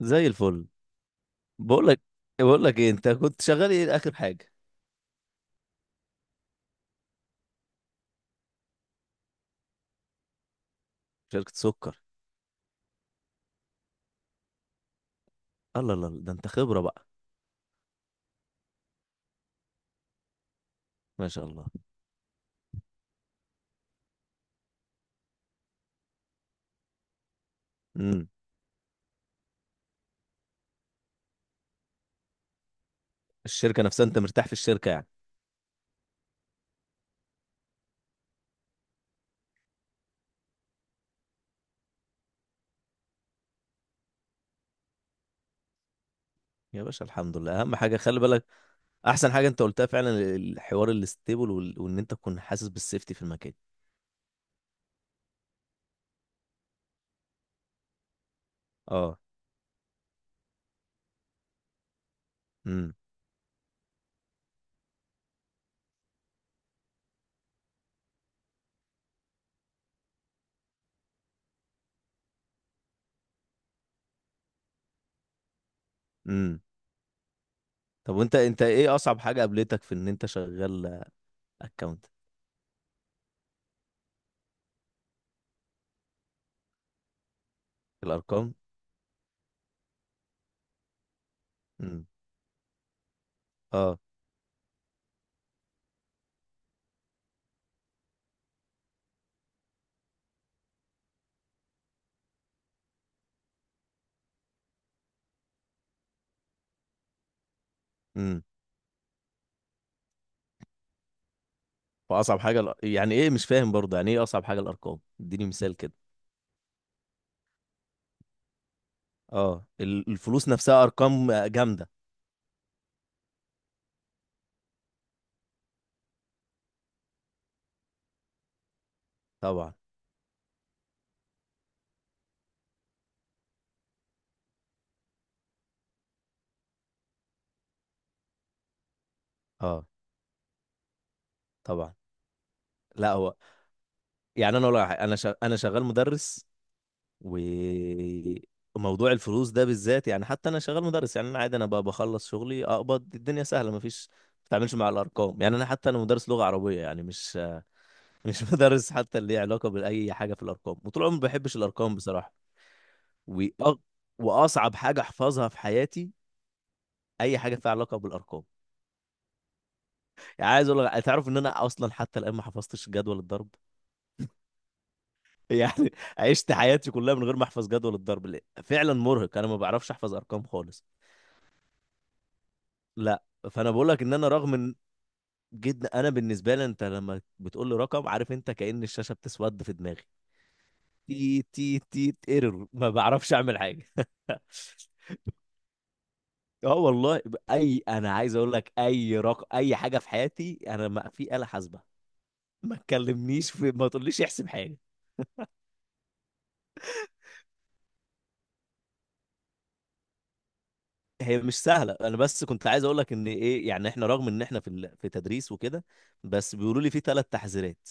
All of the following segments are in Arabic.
زي الفل. بقول لك بقول لك ايه انت كنت شغال ايه اخر حاجه. شركه سكر. الله الله الله، ده انت خبره بقى. ما شاء الله. امم. الشركه نفسها انت مرتاح في الشركه يعني. يا باشا الحمد لله اهم حاجه خلي بالك. احسن حاجه انت قلتها فعلا. الحوار الستيبل وان انت تكون حاسس بالسيفتي في المكان. اه. امم. امم. طب وانت ايه اصعب حاجه قابلتك في ان انت شغال اكونت. الارقام. امم. اه. امم. واصعب حاجه يعني ايه، مش فاهم برضه يعني ايه اصعب حاجه الارقام، اديني مثال كده. اه الفلوس نفسها ارقام جامده. طبعا. اه طبعا. لا هو يعني انا اقول لك على حاجة، انا شغال مدرس. وموضوع الفلوس ده بالذات، يعني حتى انا شغال مدرس، يعني انا عادي، انا بقى بخلص شغلي اقبض، الدنيا سهله، مفيش ما بتعملش مع الارقام، يعني انا حتى انا مدرس لغه عربيه يعني مش مدرس حتى اللي ليه علاقه باي حاجه في الارقام، وطول عمري ما بحبش الارقام بصراحه. وأ... واصعب حاجه احفظها في حياتي اي حاجه فيها علاقه بالارقام. يعني عايز اقول لك، تعرف ان انا اصلا حتى الان ما حفظتش جدول الضرب. يعني عشت حياتي كلها من غير ما احفظ جدول الضرب، لأ، فعلا مرهق، انا ما بعرفش احفظ ارقام خالص. لا. فانا بقول لك ان انا، رغم ان، جدا انا بالنسبه لي، انت لما بتقول لي رقم، عارف انت، كأن الشاشه بتسود في دماغي. تي تي تي ايرور، ما بعرفش اعمل حاجه اه والله، اي انا عايز اقول لك اي رقم اي حاجه في حياتي انا، ما في آلة حاسبه، ما تكلمنيش في، ما تقوليش احسب حاجه. هي مش سهله، انا بس كنت عايز اقول لك ان ايه يعني، احنا رغم ان احنا في في تدريس وكده، بس بيقولوا لي في ثلاث تحذيرات.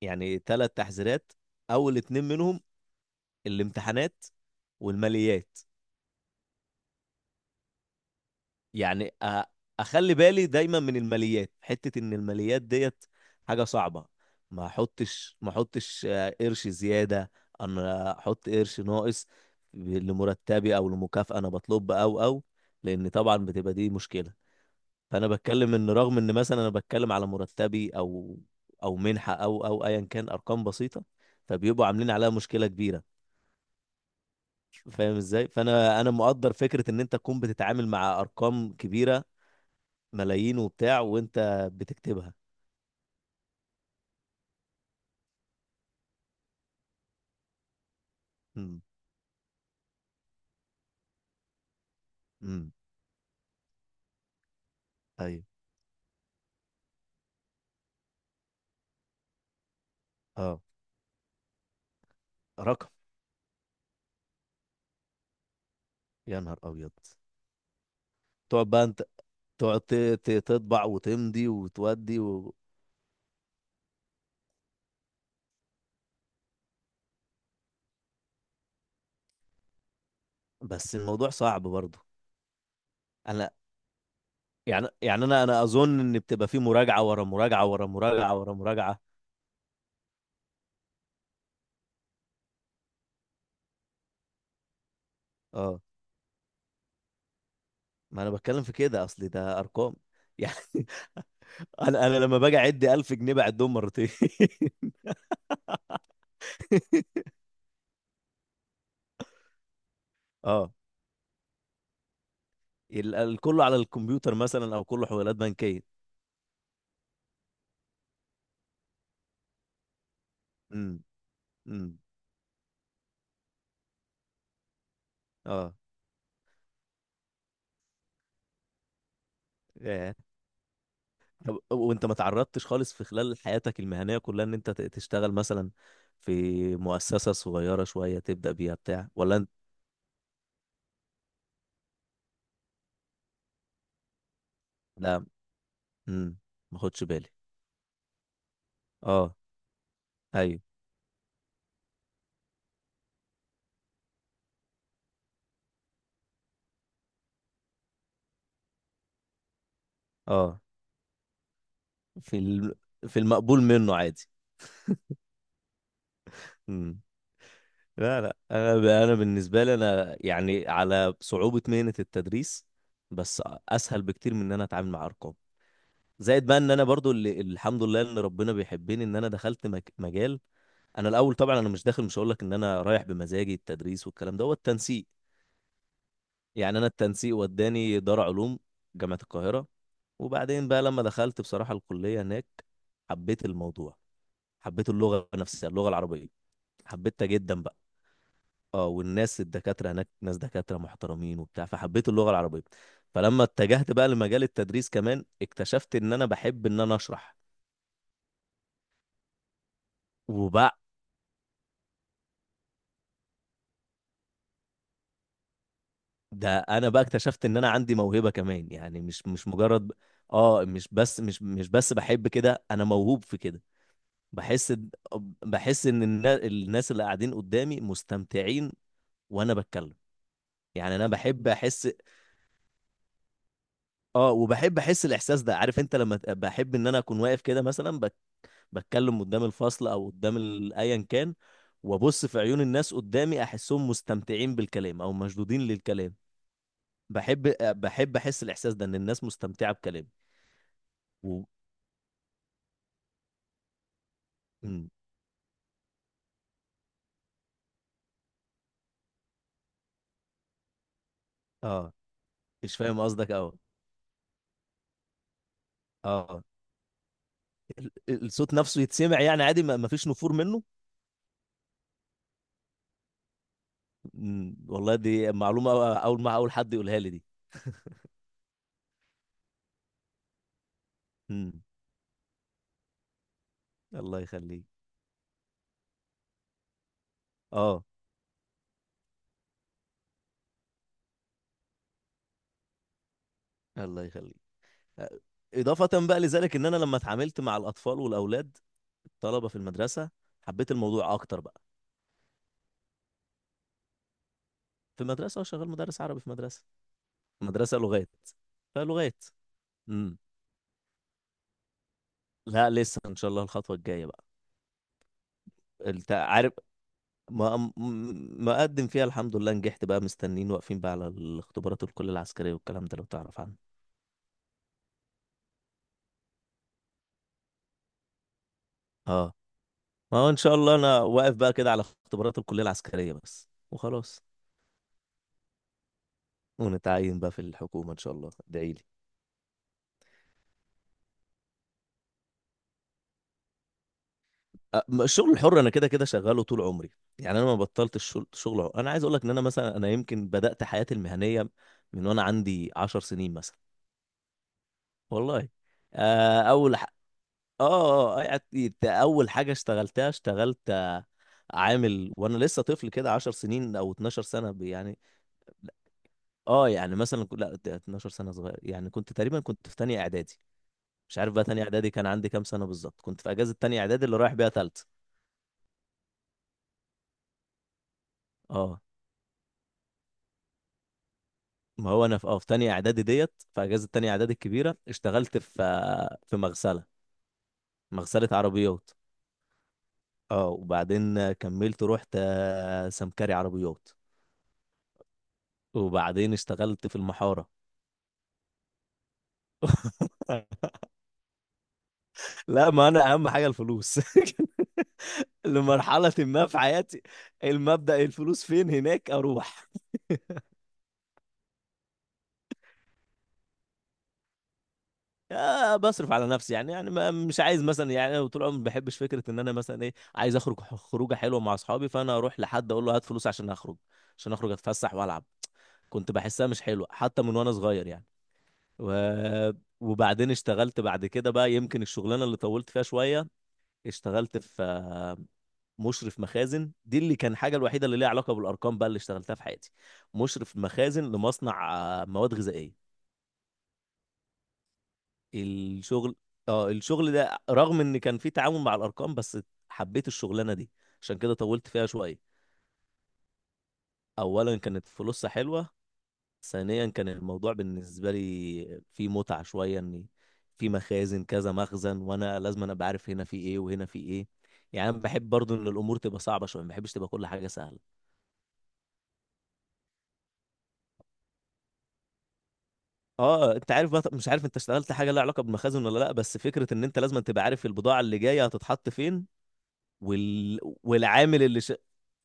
يعني ثلاث تحذيرات، اول اتنين منهم الامتحانات والماليات. يعني أ... اخلي بالي دايما من الماليات، حته ان الماليات ديت حاجه صعبه. ما احطش ما احطش آه، قرش زياده، انا احط قرش ناقص لمرتبي او لمكافأة انا بطلب او، لان طبعا بتبقى دي مشكله. فانا بتكلم ان رغم ان مثلا انا بتكلم على مرتبي او منحه او ايا كان، ارقام بسيطه فبيبقوا عاملين عليها مشكله كبيره. فاهم ازاي. فانا مقدر فكره ان انت تكون بتتعامل مع ارقام كبيره، ملايين وبتاع وانت بتكتبها. امم. امم. ايوه. اه. رقم. يا نهار ابيض. تقعد بقى انت، تقعد ت- تطبع وتمضي وتودي بس الموضوع صعب برضه. انا يعني انا اظن ان بتبقى في مراجعه ورا مراجعه ورا مراجعه ورا مراجعه. اه ما انا بتكلم في كده اصلي، ده ارقام يعني. انا لما باجي اعد 1000 جنيه بعدهم مرتين. اه كله على الكمبيوتر مثلا او كله حوالات بنكيه. امم. امم. اه. ياه. طب وانت ما تعرضتش خالص في خلال حياتك المهنيه كلها ان انت تشتغل مثلا في مؤسسه صغيره شويه تبدا بيها بتاع، ولا انت؟ لا. امم. ما خدش بالي. اه. ايوه. اه في الم... في المقبول منه عادي. امم. لا لا انا بالنسبه لي انا يعني، على صعوبه مهنه التدريس بس اسهل بكتير من ان انا اتعامل مع ارقام. زائد بقى ان انا برضو اللي الحمد لله ان ربنا بيحبني ان انا دخلت مجال. انا الاول طبعا انا مش داخل، مش هقول لك ان انا رايح بمزاجي التدريس والكلام ده، هو التنسيق. يعني انا التنسيق وداني دار علوم جامعه القاهره، وبعدين بقى لما دخلت بصراحه الكليه هناك، حبيت الموضوع، حبيت اللغه نفسها، اللغه العربيه، حبيتها جدا. اه والناس الدكاترة هناك ناس دكاترة محترمين وبتاع فحبيت اللغة العربية. فلما اتجهت بقى لمجال التدريس كمان اكتشفت ان انا بحب ان انا اشرح وبقى. ده انا بقى اكتشفت ان انا عندي موهبة كمان، يعني مش مجرد اه، مش بس، بحب كده، انا موهوب في كده. بحس ان الناس اللي قاعدين قدامي مستمتعين وانا بتكلم، يعني انا بحب احس، اه وبحب احس الاحساس ده، عارف انت لما بحب ان انا اكون واقف كده مثلا، بتكلم قدام الفصل او قدام ايا كان، وابص في عيون الناس قدامي احسهم مستمتعين بالكلام او مشدودين للكلام. بحب بحب احس الاحساس ده ان الناس مستمتعه بكلامي و... مم. اه مش فاهم قصدك اه. اه الصوت نفسه يتسمع يعني عادي، ما فيش نفور منه. مم. والله دي معلومه، اول ما اول حد يقولها لي دي. مم. الله يخليك. اه الله يخليك. اضافه بقى لذلك، ان انا لما اتعاملت مع الاطفال والاولاد، الطلبه في المدرسه، حبيت الموضوع اكتر بقى. في مدرسه، شغال مدرس عربي في مدرسه. مدرسه لغات. فلغات. امم. لا لسه ان شاء الله الخطوه الجايه بقى. انت عارف. ما م- مقدم فيها الحمد لله، نجحت بقى، مستنين واقفين بقى على الاختبارات، الكليه العسكريه والكلام ده، لو تعرف عنه. اه ما هو ان شاء الله انا واقف بقى كده على اختبارات الكليه العسكريه بس وخلاص، ونتعين بقى في الحكومه ان شاء الله، ادعي لي. الشغل الحر انا كده كده شغاله طول عمري، يعني انا ما بطلت الشغل شغل حر. انا عايز اقول لك ان انا مثلا، انا يمكن بدات حياتي المهنيه من وانا عندي 10 سنين مثلا. والله. آه، اول ح... اه يعني اول حاجه اشتغلتها، اشتغلت عامل وانا لسه طفل كده، 10 سنين او 12 سنه يعني. اه يعني مثلا لا ده 12 سنه صغير يعني، كنت تقريبا كنت في تانية اعدادي. مش عارف بقى تانية اعدادي كان عندي كام سنه بالظبط، كنت في اجازه تانية اعدادي اللي رايح بيها تالتة. اه ما هو انا في في تانية اعدادي ديت، في اجازة تانية اعدادي الكبيرة اشتغلت في في مغسلة. مغسلة عربيات. اه وبعدين كملت، رحت سمكري عربيات. وبعدين اشتغلت في المحارة. لا ما انا اهم حاجة الفلوس لمرحلة ما في حياتي، المبدأ الفلوس فين هناك اروح. بصرف على نفسي يعني، مش عايز مثلا يعني، أنا طول عمري ما بحبش فكره ان انا مثلا، ايه، عايز اخرج خروجه حلوه مع اصحابي فانا اروح لحد اقول له هات فلوس عشان اخرج، عشان اخرج اتفسح والعب. كنت بحسها مش حلوه حتى من وانا صغير يعني. و... وبعدين اشتغلت بعد كده بقى، يمكن الشغلانه اللي طولت فيها شويه، اشتغلت في مشرف مخازن، دي اللي كان حاجه الوحيده اللي ليها علاقه بالارقام بقى اللي اشتغلتها في حياتي. مشرف مخازن لمصنع مواد غذائيه. الشغل، اه الشغل ده، رغم ان كان في تعاون مع الارقام، بس حبيت الشغلانه دي عشان كده طولت فيها شويه. اولا كانت فلوسها حلوه، ثانيا كان الموضوع بالنسبه لي فيه متعه شويه، ان في مخازن كذا مخزن وانا لازم أنا ابقى عارف هنا في ايه وهنا في ايه، يعني أنا بحب برضو ان الامور تبقى صعبه شويه، ما بحبش تبقى كل حاجه سهله. اه انت عارف بقى، مش عارف انت اشتغلت حاجه لها علاقه بالمخازن ولا لا، بس فكره ان انت لازم تبقى عارف البضاعه اللي جايه هتتحط فين وال... والعامل اللي ش...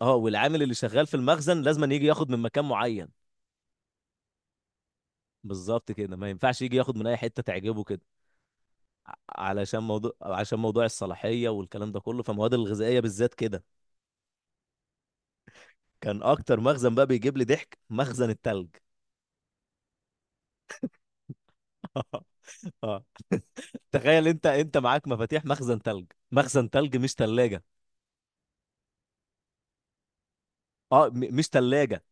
اه والعامل اللي شغال في المخزن لازم أن يجي ياخد من مكان معين، بالظبط كده، ما ينفعش يجي ياخد من اي حته تعجبه كده، علشان موضوع عشان موضوع الصلاحيه والكلام ده كله، فالمواد الغذائيه بالذات كده. كان اكتر مخزن بقى بيجيب لي ضحك مخزن التلج. اه تخيل انت، معاك مفاتيح مخزن تلج، مخزن تلج مش تلاجة. اه مش تلاجة.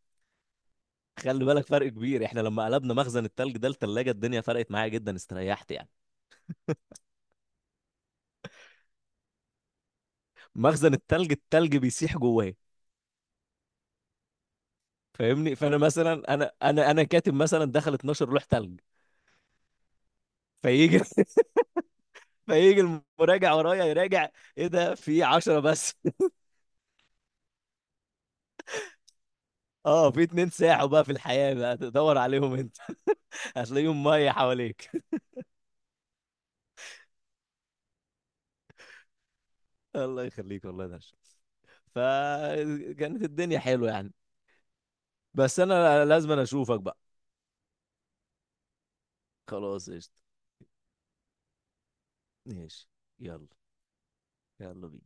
خلي بالك، فرق كبير. احنا لما قلبنا مخزن التلج ده لتلاجة، الدنيا فرقت معايا جدا، استريحت يعني. مخزن التلج، التلج بيسيح جواه، فاهمني، فانا مثلا انا كاتب مثلا دخل 12 لوح تلج. فيجي فيجي المراجع ورايا يراجع، ايه ده في 10 بس. اه في اتنين ساحوا بقى، في الحياة بقى تدور عليهم انت. هتلاقيهم مية حواليك. الله يخليك والله ده، فكانت الدنيا حلوة يعني. بس انا لازم أنا اشوفك بقى. خلاص قشطة. ماشي. يلا. يلا بينا.